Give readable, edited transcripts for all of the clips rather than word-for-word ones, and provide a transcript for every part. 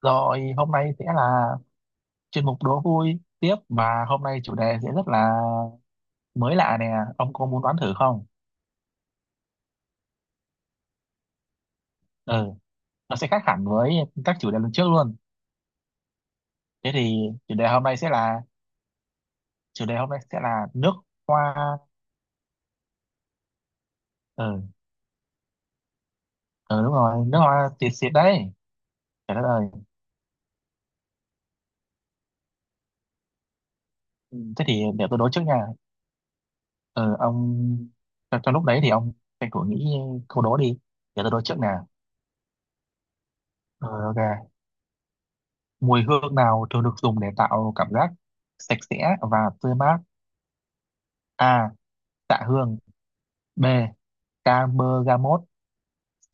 Rồi hôm nay sẽ là chuyên mục đố vui tiếp mà hôm nay chủ đề sẽ rất là mới lạ nè. Ông có muốn đoán thử không? Ừ, nó sẽ khác hẳn với các chủ đề lần trước luôn. Thế thì chủ đề hôm nay sẽ là nước hoa. Ừ, ừ đúng rồi, nước hoa xịt xịt đấy. Trời đất ơi. Thế thì để tôi đố trước nha. Ừ, ông trong lúc đấy thì ông tranh thủ nghĩ câu đố đi. Để tôi đố trước nè. Ừ, ok. Mùi hương nào thường được dùng để tạo cảm giác sạch sẽ và tươi mát? A. Tạ hương. B. Camergamot. C.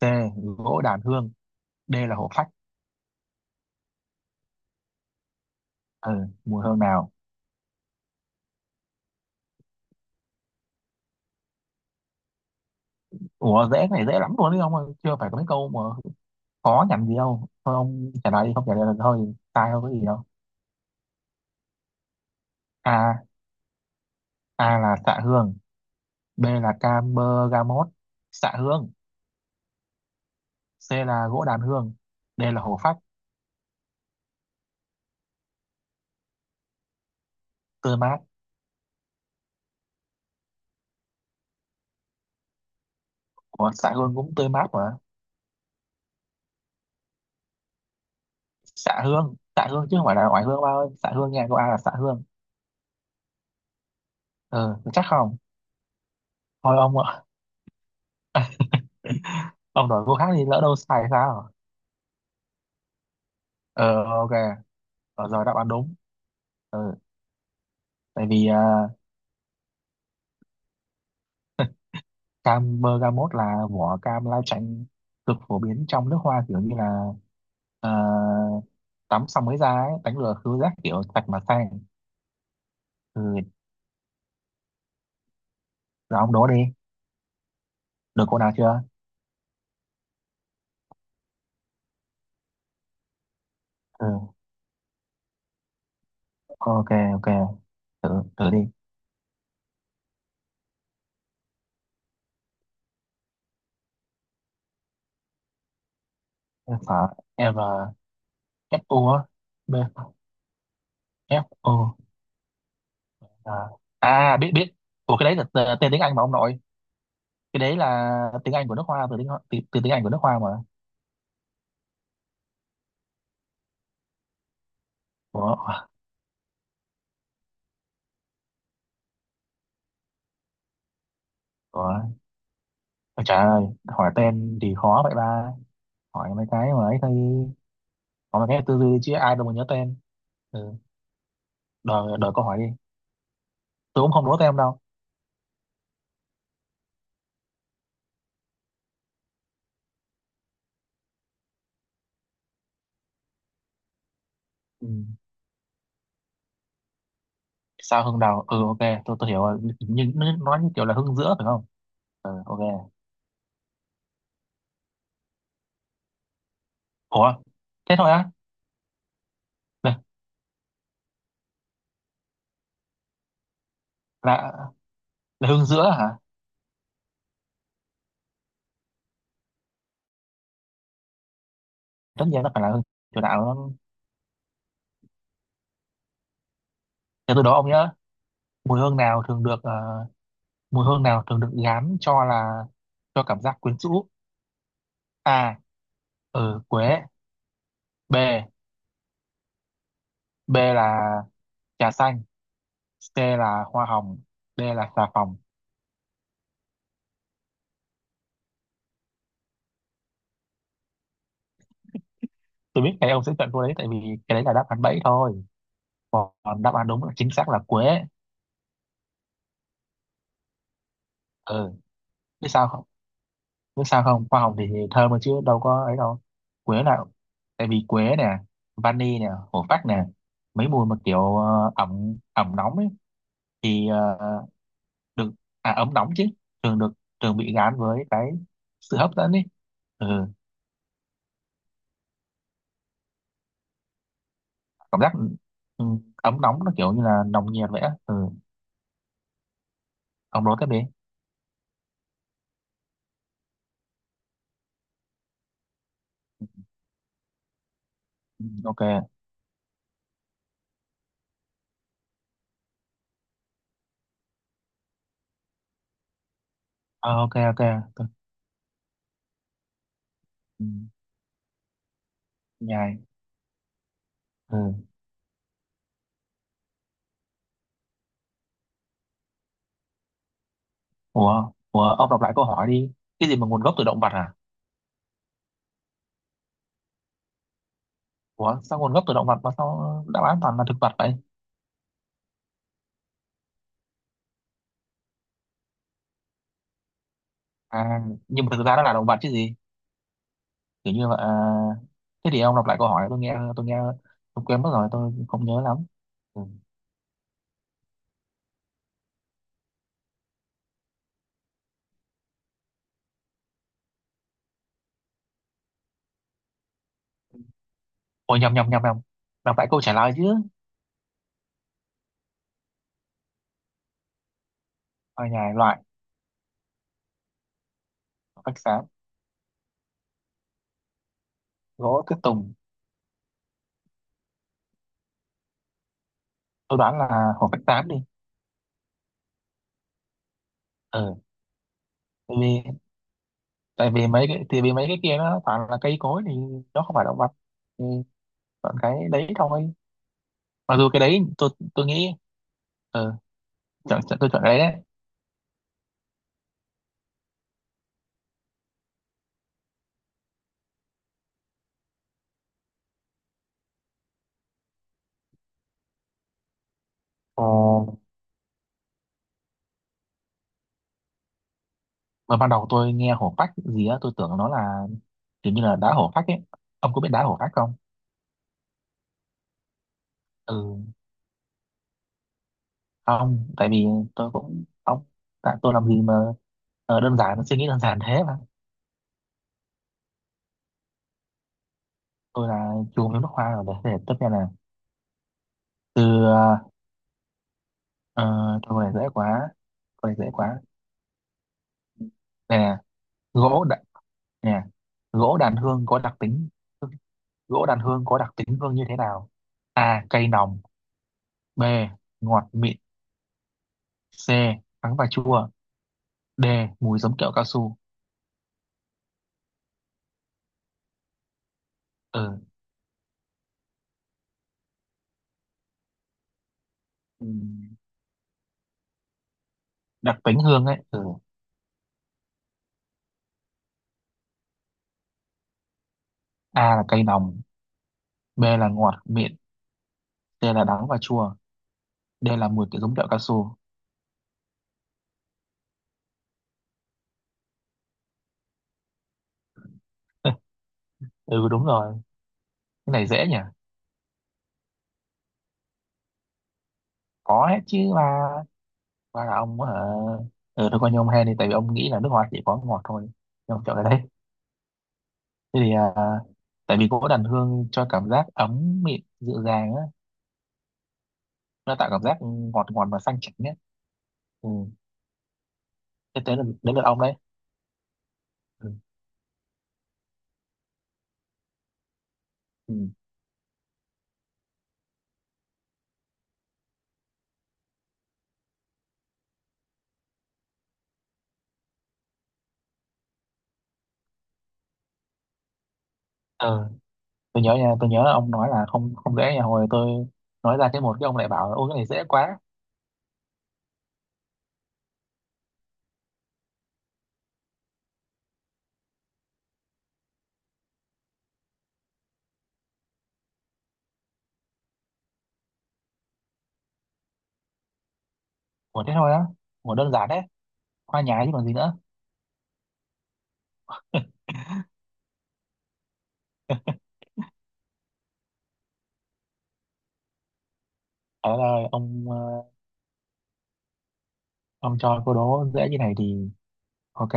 Gỗ đàn hương. D là hổ phách. Ừ, mùi hương nào? Ủa dễ, cái này dễ lắm luôn đấy ông ơi. Chưa phải có mấy câu mà khó nhằn gì đâu. Thôi ông trả lời đi, không trả lời là thôi, sai không có gì đâu. A. A là xạ hương. B là Camergamot. Xạ hương. C là gỗ đàn hương. D là hồ phách. Tươi mát. Ủa xạ hương cũng tươi mát mà. Xạ hương, xạ hương chứ không phải là oải hương ba ơi. Xạ hương nha, câu A là xạ hương. Ừ chắc không? Thôi ông đổi câu khác thì lỡ đâu sai sao. Ờ ok, ở giờ đáp án đúng. Ừ. Tại vì cam bergamot là vỏ cam lai chanh, cực phổ biến trong nước hoa, kiểu như là ờ, tắm xong mới ra ấy, đánh lừa khứu giác kiểu sạch mà sang. Ừ. Rồi ông đố đi, được câu nào chưa? Ừ. Ok ok, thử thử đi. F R. F U á? B. F U. À, à biết biết. Ủa cái đấy là tên tiếng Anh mà ông nội. Cái đấy là tiếng Anh của nước hoa, từ từ tiếng Anh của nước hoa mà. Ủa, ủa, ôi trời ơi, hỏi tên thì khó vậy ba. Hỏi mấy cái mà ấy thôi, hỏi mấy cái tư duy chứ ai đâu mà nhớ tên. Ừ, đợi câu hỏi đi. Tôi cũng không đố tên đâu. Ừ. Sao hương đào? Ừ, ok, tôi hiểu rồi. Nhưng nó nói như kiểu là hương giữa phải không? Ừ, ok. Ủa, thế thôi á? Là, là, là hương giữa hả? Tất nhiên nó phải là hương chủ đạo. Nó... Để tôi đố ông nhớ. Mùi hương nào thường được, mùi hương nào thường được gán cho là, cho cảm giác quyến rũ? A. Ừ, quế. B. B là trà xanh. C là hoa hồng. D là xà phòng. Tôi biết cái ông sẽ chọn cô đấy, tại vì cái đấy là đáp án bẫy thôi. Còn đáp án đúng là chính xác là quế. Ừ, biết sao không? Biết sao không? Hoa hồng thì thơm mà chứ đâu có ấy đâu. Quế là, tại vì quế nè, vani nè, hổ phách nè, mấy mùi mà kiểu ẩm ẩm nóng ấy thì ờ, được à ấm nóng chứ thường được, thường bị gán với cái sự hấp dẫn ấy. Ừ, cảm giác, ừ, ấm nóng nó kiểu như là nồng nhiệt vậy á. Ừ. Ông nói tiếp đi. Ừ, ok. À, ok ok. Tôi- ừ, nhai. Ừ. Ủa ủa, ông đọc lại câu hỏi đi, cái gì mà nguồn gốc từ động vật à? Ủa sao nguồn gốc từ động vật mà sao đáp án toàn là thực vật vậy? À nhưng mà thực ra nó là động vật chứ gì? Kiểu như là à, thế thì ông đọc lại câu hỏi tôi nghe, tôi nghe, tôi quên mất rồi tôi không nhớ lắm. Ừ. Ôi nhầm nhầm nhầm nhầm, đọc lại câu trả lời chứ. Ở nhà loại, hổ phách xám, gỗ tuyết tùng. Tôi đoán là hổ phách xám đi. Ừ, tại vì mấy cái kia nó toàn là cây cối thì nó không phải động vật, thì chọn cái đấy thôi. Mặc dù cái đấy tôi nghĩ, ừ, chọn, chọn, tôi chọn cái đấy đấy. Ờ, mà ban đầu tôi nghe hổ phách gì á tôi tưởng nó là kiểu như là đá hổ phách ấy. Ông có biết đá hổ phách không? Ừ không, tại vì tôi cũng ông, tại tôi làm gì mà đơn giản, suy nghĩ đơn giản thế mà. Tôi là chuồng nước hoa rồi, để tất nhiên là từ, ờ, câu này dễ quá, câu này dễ quá nè. gỗ đã, Nè, gỗ đàn hương có đặc tính gỗ đàn hương có đặc tính hương như thế nào? A. Cay nồng. B. Ngọt mịn. C. Đắng và chua. D. Mùi giống kẹo cao su. Ừ. Ừ. Đặc tính hương ấy, ừ. A là cay nồng. B là ngọt mịn. C là đắng và chua. D là mùi kiểu giống kẹo cao su. Ừ đúng rồi. Cái này dễ nhỉ, có hết chứ mà. Và là ông ở, ừ, tôi coi như ông hen đi tại vì ông nghĩ là nước hoa chỉ có ngọt thôi, nhưng mà kẹo cái đấy. Thế thì à, tại vì gỗ đàn hương cho cảm giác ấm mịn dịu dàng á, nó tạo cảm giác ngọt ngọt và xanh chảnh á. Ừ. Thế tới là đến lượt ông đấy. Ừ. Ừ. Ờ, tôi nhớ nha, tôi nhớ là ông nói là không, không dễ nha, hồi tôi nói ra cái một cái ông lại bảo là ôi cái này dễ quá. Ủa thế thôi á? Ủa đơn giản đấy, hoa nhài chứ còn gì nữa. Thế là ông ông cho câu đố dễ như này thì ok.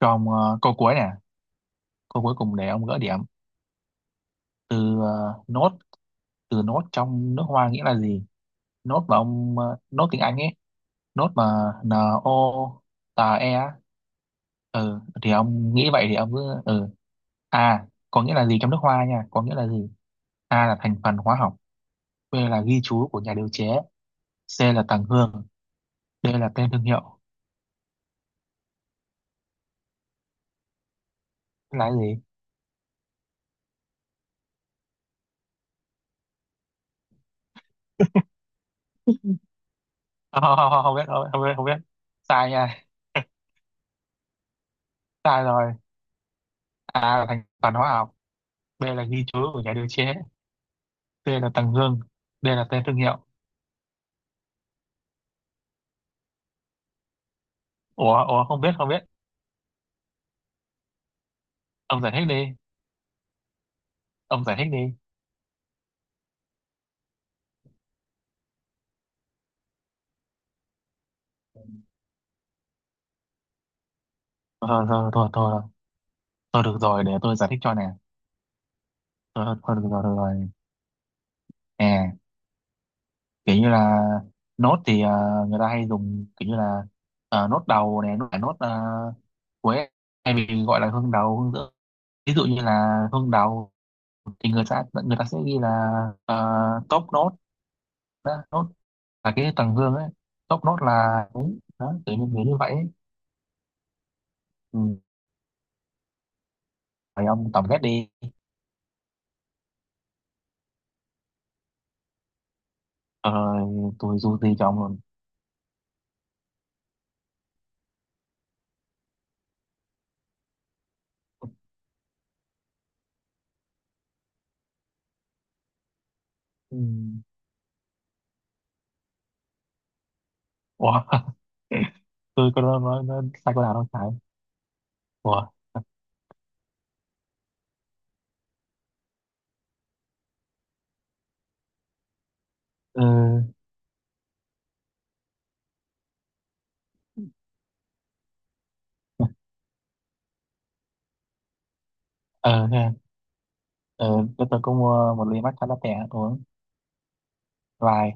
Cho ông câu cuối nè, câu cuối cùng để ông gỡ điểm. Từ nốt, từ nốt trong nước hoa nghĩa là gì? Nốt mà ông, nốt tiếng Anh ấy. Nốt mà n o tà e á. Ừ thì ông nghĩ vậy thì ông cứ ừ. A có nghĩa là gì trong nước hoa nha, có nghĩa là gì? A là thành phần hóa học. B là ghi chú của nhà điều chế. C là tầng hương. D là tên thương hiệu. Thế là cái gì? Không, không, không, không biết, không, biết không biết không biết. Sai nha. Sai rồi. A là thành phần hóa học. B là ghi chú của nhà điều chế. C là tầng hương. D là tên thương hiệu. Ủa ủa không biết không biết. Ông giải thích đi, ông giải thích đi. Thôi thôi thôi thôi, thôi được rồi, để tôi giải thích cho nè. Thôi, thôi, thôi được rồi, được rồi. À, kiểu như là nốt thì à, người ta hay dùng kiểu như là à, nốt đầu này, nốt à, cuối, hay bị gọi là hương đầu, hương giữa. Ví dụ như là hương đầu thì người ta sẽ ghi là top nốt đó, nốt là cái tầng hương ấy, top nốt là đúng đó, kiểu như vậy ấy. Ừ. Phải ông tổng kết đi. Ờ, tôi dù gì chồng ông luôn. Ừ. Ủa, tôi có nói sai câu nào đâu phải. Ủa, ừ, ờ, thế à? Ờ, cái tôi cũng mua một ly matcha latte uống và